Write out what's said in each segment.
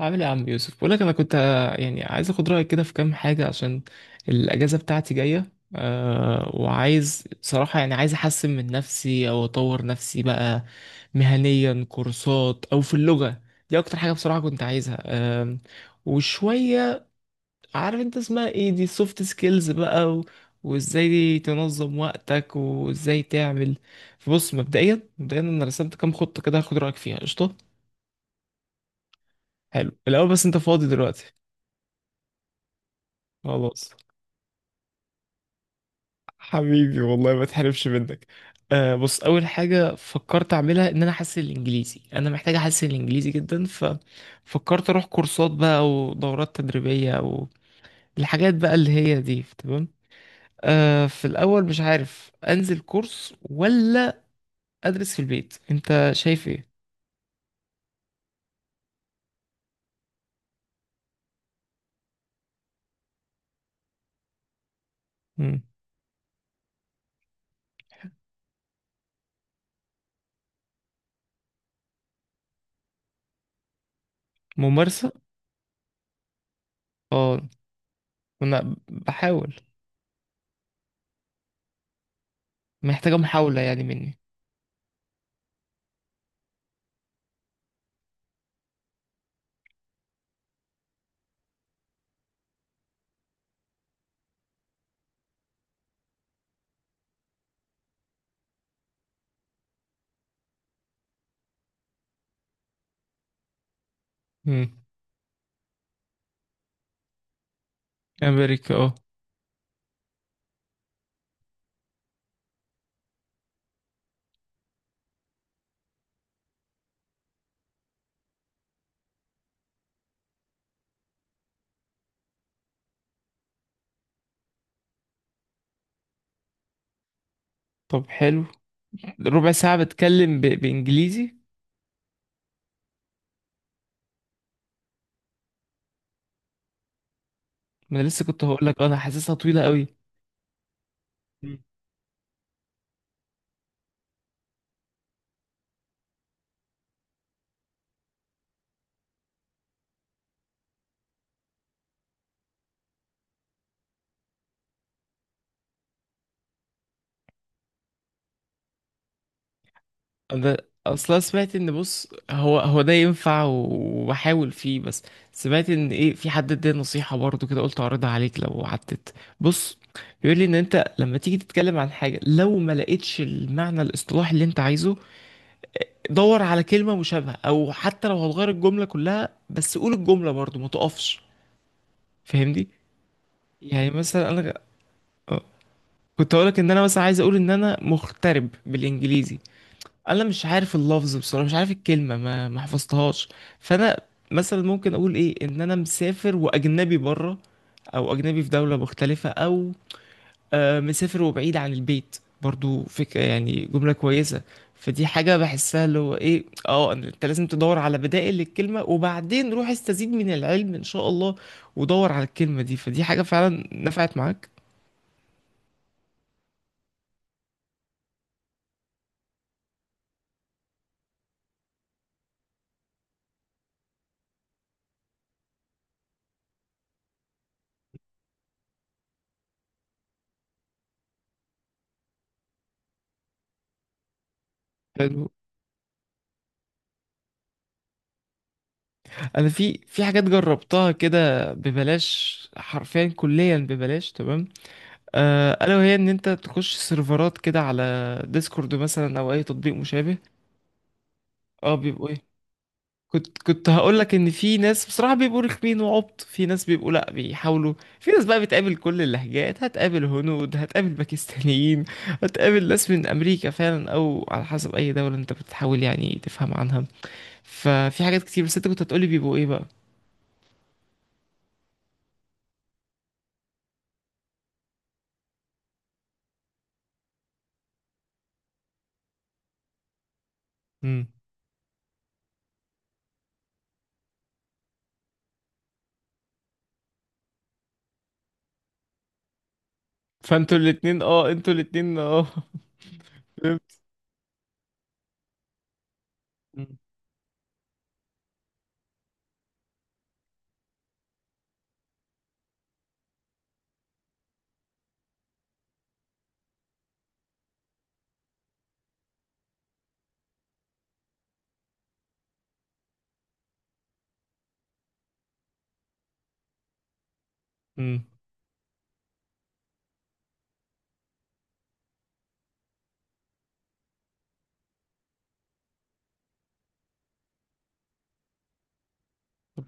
عامل ايه يا عم يوسف؟ بقول لك انا كنت، يعني عايز اخد رايك كده في كام حاجه عشان الاجازه بتاعتي جايه وعايز بصراحه، يعني عايز احسن من نفسي او اطور نفسي بقى مهنيا، كورسات او في اللغه. دي اكتر حاجه بصراحه كنت عايزها وشويه، عارف انت اسمها ايه، دي سوفت سكيلز بقى، و... وازاي تنظم وقتك وازاي تعمل. فبص، مبدئيا مبدئيا انا رسمت كام خطه كده، هاخد رايك فيها. قشطه، حلو. الاول بس انت فاضي دلوقتي؟ خلاص. حبيبي والله، ما تحرمش منك. بص، اول حاجه فكرت اعملها ان انا احسن الانجليزي، انا محتاج احسن الانجليزي جدا، ففكرت اروح كورسات بقى ودورات تدريبيه، او الحاجات بقى اللي هي دي، تمام. في الاول مش عارف انزل كورس ولا ادرس في البيت، انت شايف ايه؟ مم. ممارسه. اه، انا بحاول. محتاجه محاوله يعني مني. مم. امريكا، اه. طب حلو. ربع ساعه بتكلم ب... بانجليزي؟ ما انا لسه كنت هقول لك انا حاسسها طويله قوي. مم. انا اصلا سمعت ان، بص، هو ده ينفع، و- وبحاول فيه، بس سمعت ان ايه، في حد اداني نصيحه برضو كده، قلت اعرضها عليك لو عدت. بص، بيقول لي ان انت لما تيجي تتكلم عن حاجه، لو ما لقيتش المعنى الاصطلاحي اللي انت عايزه، دور على كلمه مشابهه، او حتى لو هتغير الجمله كلها بس قول الجمله برضو، ما تقفش، فاهمني؟ يعني مثلا انا، آه، كنت هقولك ان انا مثلا عايز اقول ان انا مغترب بالانجليزي. انا مش عارف اللفظ بصراحه، مش عارف الكلمه، ما حفظتهاش. فانا مثلا ممكن اقول ايه؟ ان انا مسافر واجنبي بره، او اجنبي في دوله مختلفه، او مسافر وبعيد عن البيت، برضو فكره، يعني جمله كويسه. فدي حاجه بحسها، اللي هو ايه، إن انت لازم تدور على بدائل للكلمه، وبعدين روح استزيد من العلم ان شاء الله، ودور على الكلمه دي. فدي حاجه فعلا نفعت معاك. حلو. انا في حاجات جربتها كده ببلاش، حرفيا كليا ببلاش، تمام. الا وهي ان انت تخش سيرفرات كده على ديسكورد مثلا، او اي تطبيق مشابه. اه، بيبقوا ايه، كنت هقول لك ان في ناس بصراحه بيبقوا رخمين وعبط، في ناس بيبقوا لا، بيحاولوا. في ناس بقى بتقابل كل اللهجات، هتقابل هنود، هتقابل باكستانيين، هتقابل ناس من امريكا فعلا، او على حسب اي دوله انت بتحاول يعني تفهم عنها. ففي حاجات كتير. بس انت كنت هتقولي بيبقوا ايه بقى؟ امم. فانتوا الاتنين، اه، انتوا الاتنين، اه. فهمت. مم. مم.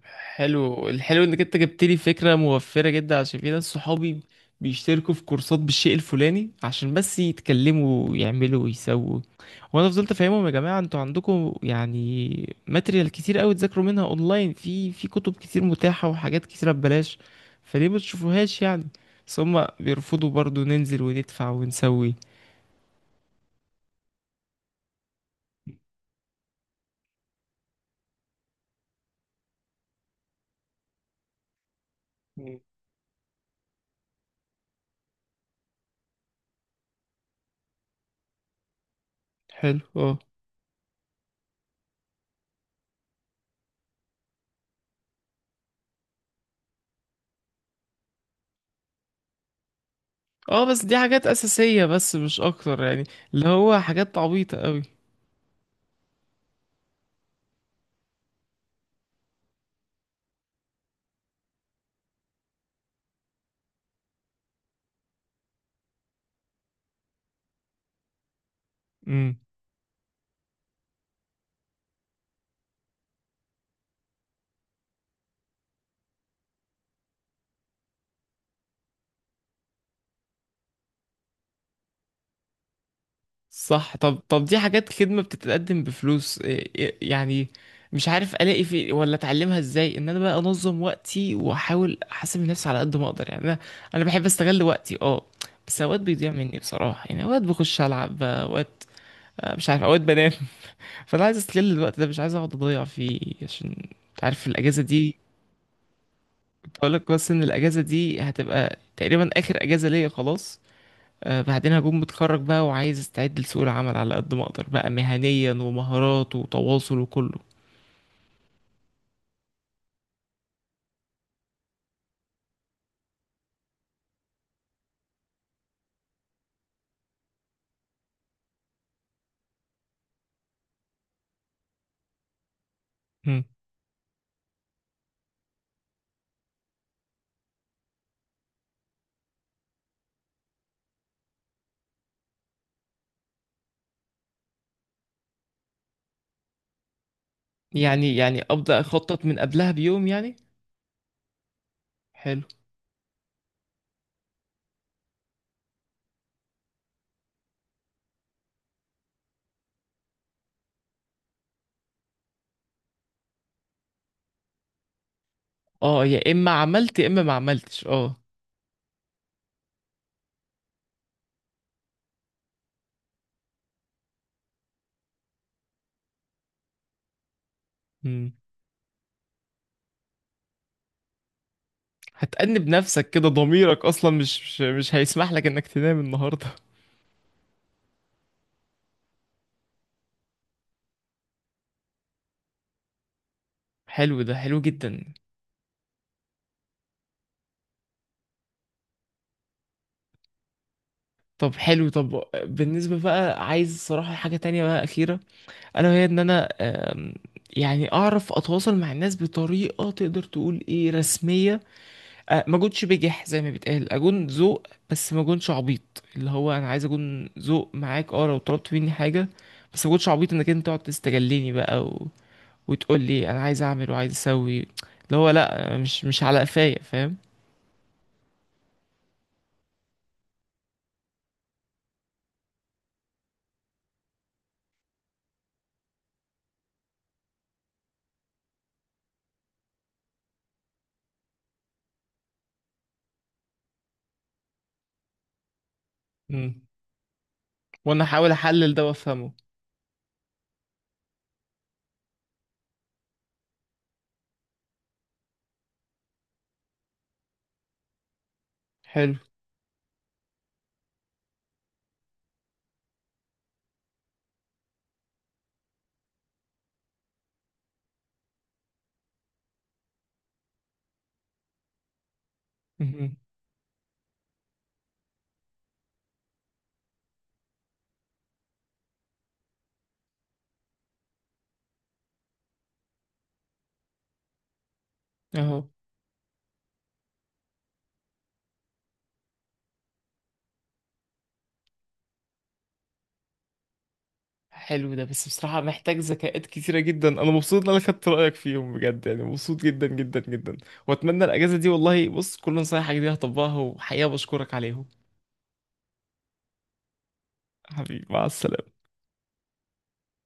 الحلو انك انت جبت لي فكره موفره جدا، عشان في ناس صحابي بيشتركوا في كورسات بالشيء الفلاني عشان بس يتكلموا ويعملوا ويسووا. وانا فضلت افهمهم يا جماعه، انتوا عندكم يعني ماتريال كتير قوي، تذاكروا منها اونلاين، في كتب كتير متاحه وحاجات كتيره ببلاش، فليه ما تشوفوهاش يعني؟ بس هم بيرفضوا، برضو ننزل وندفع ونسوي. مم. حلو، اه. اه بس دي حاجات اساسيه، بس مش اكتر يعني. اللي هو حاجات عبيطه قوي. صح. طب دي حاجات خدمة بتتقدم بفلوس، يعني مش عارف الاقي في، ولا اتعلمها ازاي ان انا بقى انظم وقتي واحاول احاسب نفسي على قد ما اقدر يعني. انا انا بحب استغل وقتي، اه. بس اوقات بيضيع مني بصراحة، يعني اوقات بخش العب، اوقات مش عارف، اوقات بنام. فانا عايز استغل الوقت ده، مش عايز اقعد اضيع فيه، عشان انت عارف الاجازة دي. كنت اقول لك بس ان الاجازة دي هتبقى تقريبا اخر اجازة ليا خلاص. بعدين هكون متخرج بقى، وعايز استعد لسوق العمل على قد ما اقدر بقى، مهنيا ومهارات وتواصل، وكله. مم. يعني ابدا اخطط من قبلها بيوم يعني؟ حلو. اه، يا اما عملت يا اما ما عملتش، اه. مم. هتأنب نفسك كده، ضميرك اصلا مش هيسمح لك انك تنام النهارده. حلو ده، حلو جدا. طب حلو. طب بالنسبة بقى، عايز صراحة حاجة تانية بقى، أخيرة. ألا وهي إن أنا، آم، يعني أعرف أتواصل مع الناس بطريقة تقدر تقول إيه رسمية. ما اكونش بجح، زي ما بيتقال اكون ذوق، بس ما اكونش عبيط. اللي هو انا عايز اكون ذوق معاك، لو طلبت مني حاجه، بس ما اكونش عبيط انك انت تقعد تستجلني بقى، و... وتقول لي انا عايز اعمل وعايز اسوي، اللي هو لا، مش على قفايا، فاهم؟ مم. وانا احاول احلل ده وافهمه. حلو. مهم. اهو. حلو ده، بس بصراحه محتاج ذكاءات كتيره جدا. انا مبسوط ان انا خدت رايك فيهم بجد، يعني مبسوط جدا جدا جدا. واتمنى الاجازه دي، والله بص، كل نصايحك دي هطبقها، وحقيقه بشكرك عليهم. حبيبي، مع السلامة.